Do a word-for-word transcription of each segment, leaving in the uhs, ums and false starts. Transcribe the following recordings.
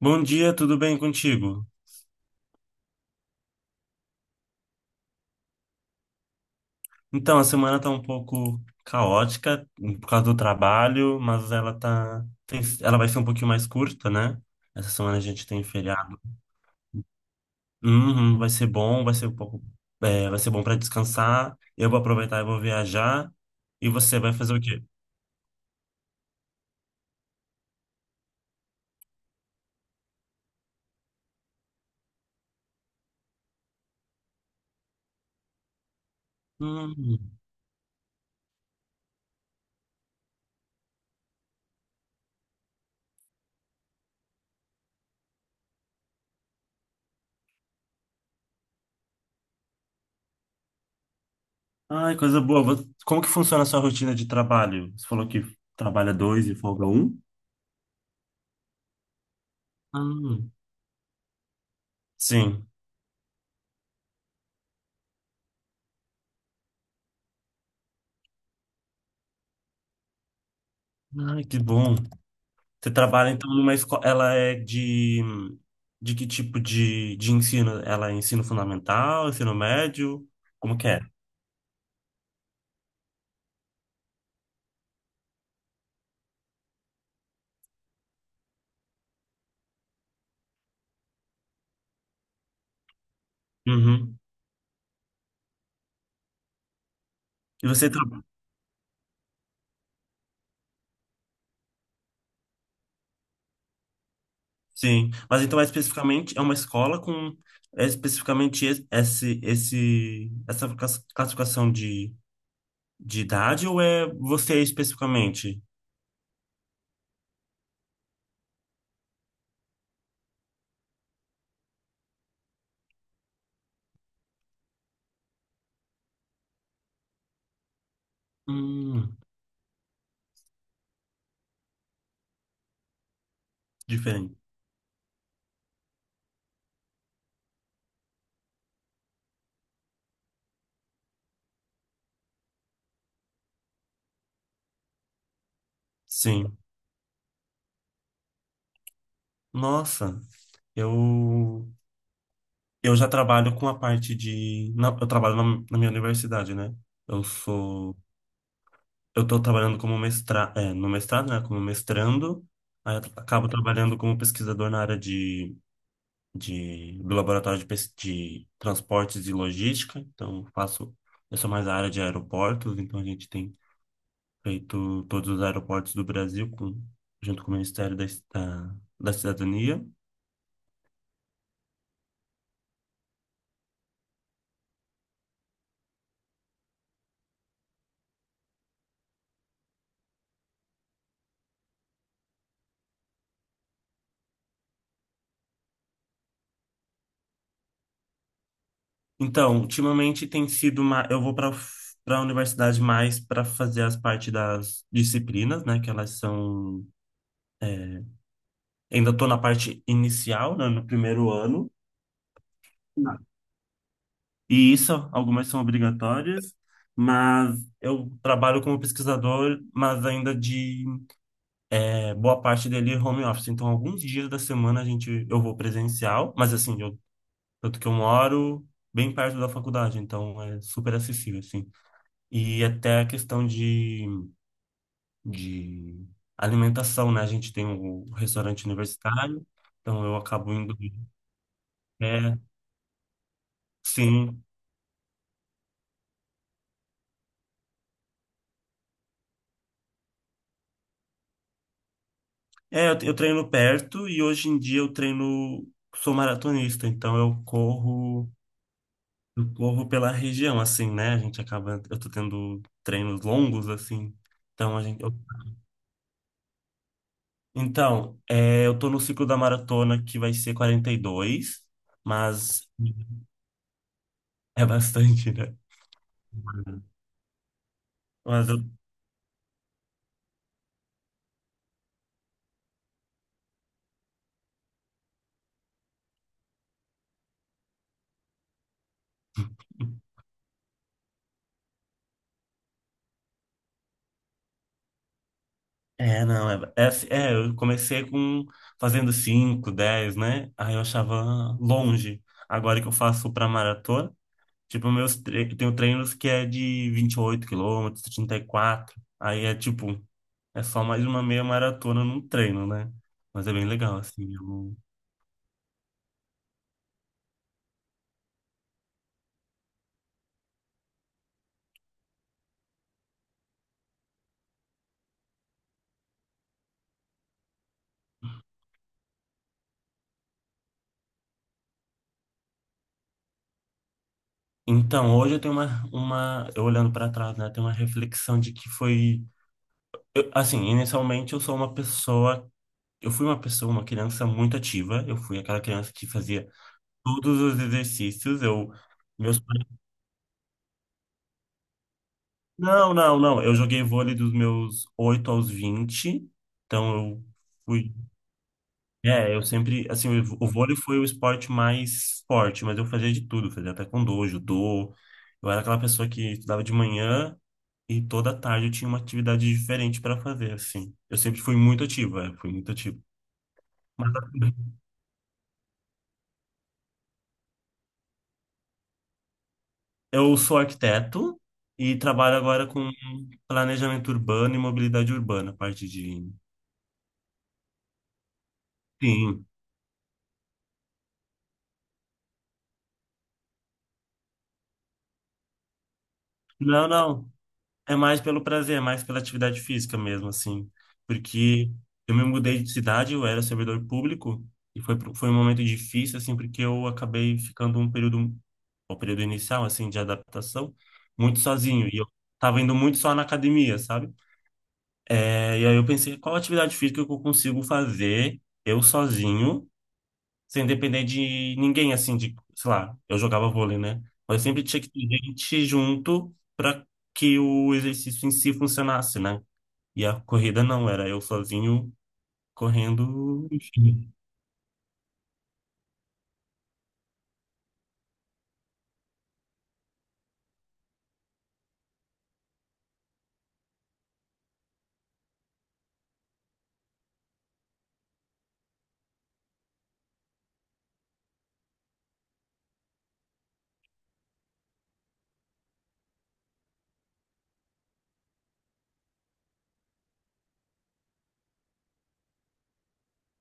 Bom dia, tudo bem contigo? Então, a semana tá um pouco caótica hum, por causa do trabalho, mas ela tá, tem- ela vai ser um pouquinho mais curta, né? Essa semana a gente tem feriado. Uhum, vai ser bom, vai ser um pouco, é, vai ser bom para descansar. Eu vou aproveitar e vou viajar. E você vai fazer o quê? Hum, ai, coisa boa. Vo- Como que funciona a sua rotina de trabalho? Você falou que trabalha dois e folga um? Hum, sim. Ai, que bom. Você trabalha então numa escola. Ela é de. De que tipo de, de ensino? Ela é ensino fundamental, ensino médio? Como que é? Uhum. E você trabalha. Sim. Mas então é especificamente. É uma escola com. É especificamente es- esse, esse, essa class- classificação de, de idade ou é você especificamente? Hum, diferente. Sim. Nossa, eu. Eu já trabalho com a parte de. na- eu trabalho na, na minha universidade, né? Eu sou. Eu tô trabalhando como mestra, é, no mestrado, né? Como mestrando. Aí eu tra- acabo trabalhando como pesquisador na área de, de, do laboratório de, pes- de transportes e logística. Então, faço. Eu sou mais a área de aeroportos, então a gente tem feito todos os aeroportos do Brasil com, junto com o Ministério da, da, da Cidadania. Então, ultimamente tem sido uma. Eu vou para para a universidade mais para fazer as partes das disciplinas, né? Que elas são. É, ainda estou na parte inicial, né, no primeiro ano. E isso, algumas são obrigatórias, mas eu trabalho como pesquisador, mas ainda de é, boa parte dele home office. Então, alguns dias da semana a gente eu vou presencial, mas assim, eu, tanto que eu moro bem perto da faculdade, então é super acessível, assim. E até a questão de de alimentação, né? A gente tem o restaurante universitário, então eu acabo indo. É, sim. É, eu, eu treino perto e hoje em dia eu treino, sou maratonista, então eu corro, eu corro pela região, assim, né? A gente acaba, eu tô tendo treinos longos, assim. Então, a gente, eu- então, é, eu tô no ciclo da maratona que vai ser quarenta e dois, mas é bastante, né? Mas eu É, não, é, é, assim- é, eu comecei com fazendo cinco dez né? Aí eu achava longe. Agora que eu faço pra maratona, tipo, meus tre eu tenho treinos que é de vinte e oito quilômetros, trinta e quatro. Aí é tipo, é só mais uma meia maratona num treino, né? Mas é bem legal, assim. eu- Então, hoje eu tenho uma, uma, eu olhando pra trás, né? Tenho uma reflexão de que foi, eu- assim, inicialmente eu sou uma pessoa, eu fui uma pessoa, uma criança muito ativa. Eu fui aquela criança que fazia todos os exercícios. Eu, meus pais, não, não, não. Eu joguei vôlei dos meus oito aos vinte. Então eu fui. É, eu sempre, assim, o o vôlei foi o esporte mais forte, mas eu fazia de tudo, fazia taekwondo, judô. Eu era aquela pessoa que estudava de manhã e toda tarde eu tinha uma atividade diferente para fazer, assim. Eu sempre fui muito ativo, é, fui muito ativo. Mas assim, eu sou arquiteto e trabalho agora com planejamento urbano e mobilidade urbana, parte de. Sim. Não, não. É mais pelo prazer, é mais pela atividade física mesmo, assim. Porque eu me mudei de cidade, eu era servidor público, e foi, pro- foi um momento difícil, assim, porque eu acabei ficando um período, o período inicial, assim, de adaptação, muito sozinho. E eu tava indo muito só na academia, sabe? É, e aí eu pensei, qual atividade física que eu consigo fazer eu sozinho, sem depender de ninguém, assim, de, sei lá, eu jogava vôlei, né? Mas sempre tinha que ter gente junto para que o exercício em si funcionasse, né? E a corrida não, era eu sozinho correndo, enfim.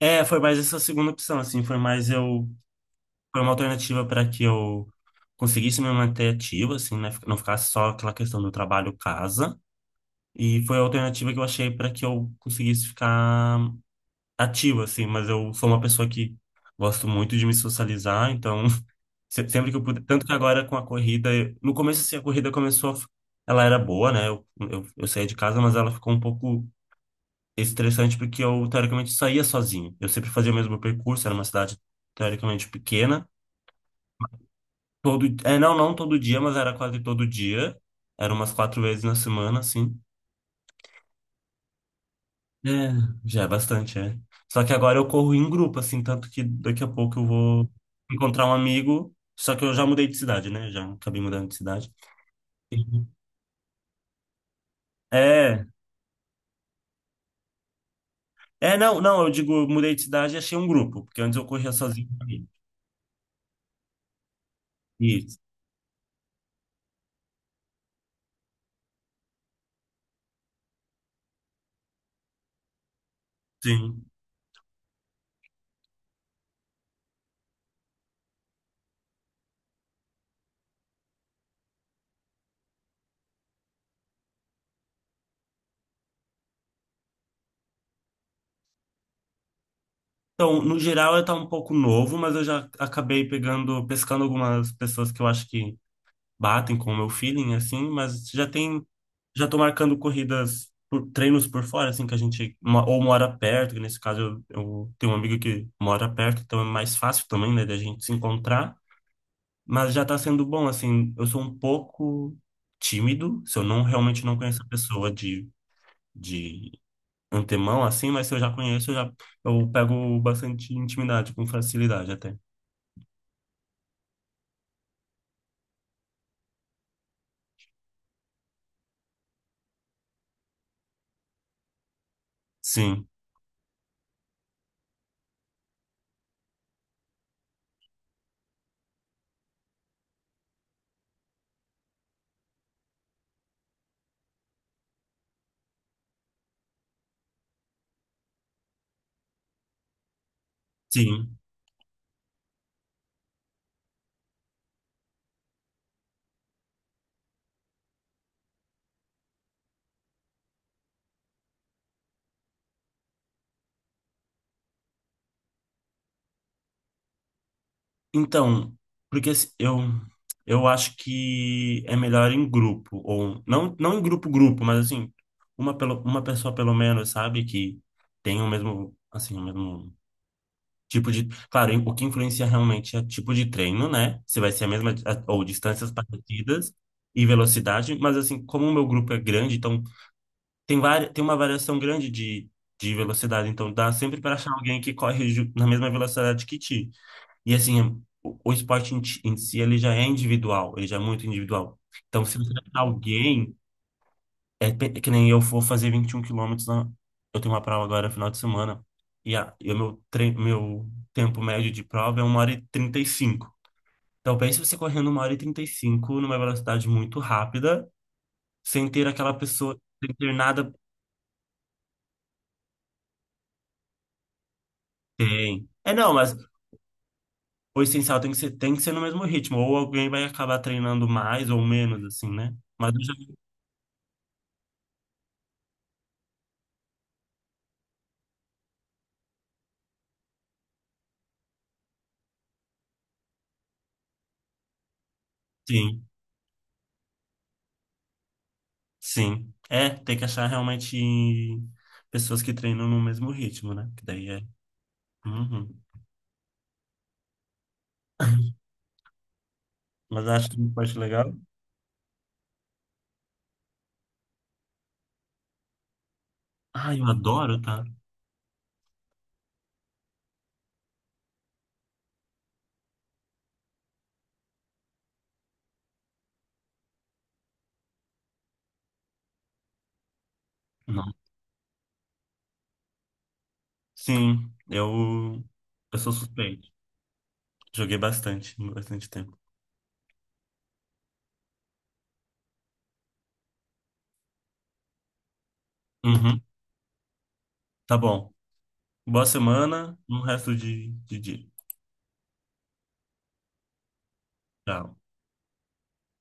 É, foi mais essa segunda opção, assim, foi mais eu. Foi uma alternativa para que eu conseguisse me manter ativo, assim, né? Não ficasse só aquela questão do trabalho-casa. E foi a alternativa que eu achei para que eu conseguisse ficar ativo, assim, mas eu sou uma pessoa que gosto muito de me socializar, então se- sempre que eu puder. Tanto que agora com a corrida, eu- no começo, assim, a corrida começou, a f- ela era boa, né? Eu, eu, eu saía de casa, mas ela ficou um pouco estressante porque eu, teoricamente, saía sozinho. Eu sempre fazia o mesmo percurso, era uma cidade teoricamente pequena. Todo, é, não, não todo dia, mas era quase todo dia. Era umas quatro vezes na semana, assim. É, já é bastante, é. Só que agora eu corro em grupo, assim, tanto que daqui a pouco eu vou encontrar um amigo. Só que eu já mudei de cidade, né? Já acabei mudando de cidade. Uhum. É, é, não, não, eu digo, eu mudei de cidade e achei um grupo, porque antes eu corria sozinho também. Isso, sim. Então, no geral, eu tá um pouco novo, mas eu já acabei pegando, pescando algumas pessoas que eu acho que batem com o meu feeling, assim, mas já tem, já tô marcando corridas, por, treinos por fora, assim, que a gente, mo- ou mora perto, que nesse caso eu, eu tenho um amigo que mora perto, então é mais fácil também, né, da gente se encontrar, mas já tá sendo bom, assim, eu sou um pouco tímido, se eu não, realmente não conheço a pessoa de, de antemão, assim, mas se eu já conheço, eu já, eu pego bastante intimidade, com facilidade até. Sim, sim. Então, porque assim, eu, eu acho que é melhor em grupo, ou não, não em grupo, grupo, mas assim, uma, pelo, uma pessoa pelo menos, sabe, que tem o mesmo, assim, o mesmo tipo de. Claro, o que influencia realmente é tipo de treino, né? Se vai ser a mesma, a- ou distâncias parecidas e velocidade, mas assim, como o meu grupo é grande, então tem, vari, tem uma variação grande de, de velocidade, então dá sempre para achar alguém que corre ju- na mesma velocidade que ti. E assim, o, o esporte em, ti- em si, ele já é individual, ele já é muito individual. Então, se você achar alguém, é, pe- é que nem eu for fazer vinte e um quilômetros, na- eu tenho uma prova agora final de semana, e, a, e o meu, tre- meu tempo médio de prova é uma hora e trinta e cinco. Então, pense você correndo uma hora e trinta e cinco numa velocidade muito rápida, sem ter aquela pessoa, sem ter nada. Tem. É, não, mas o essencial tem que ser, tem que ser no mesmo ritmo, ou alguém vai acabar treinando mais ou menos, assim, né? Mas eu já. Sim. Sim. É, tem que achar realmente pessoas que treinam no mesmo ritmo, né? Que daí é. Uhum. Mas acho que uma parte legal. Ah, eu adoro, tá? Não. Sim, eu, eu sou suspeito. Joguei bastante, bastante tempo. Uhum. Tá bom. Boa semana, um resto de, de dia. Tchau.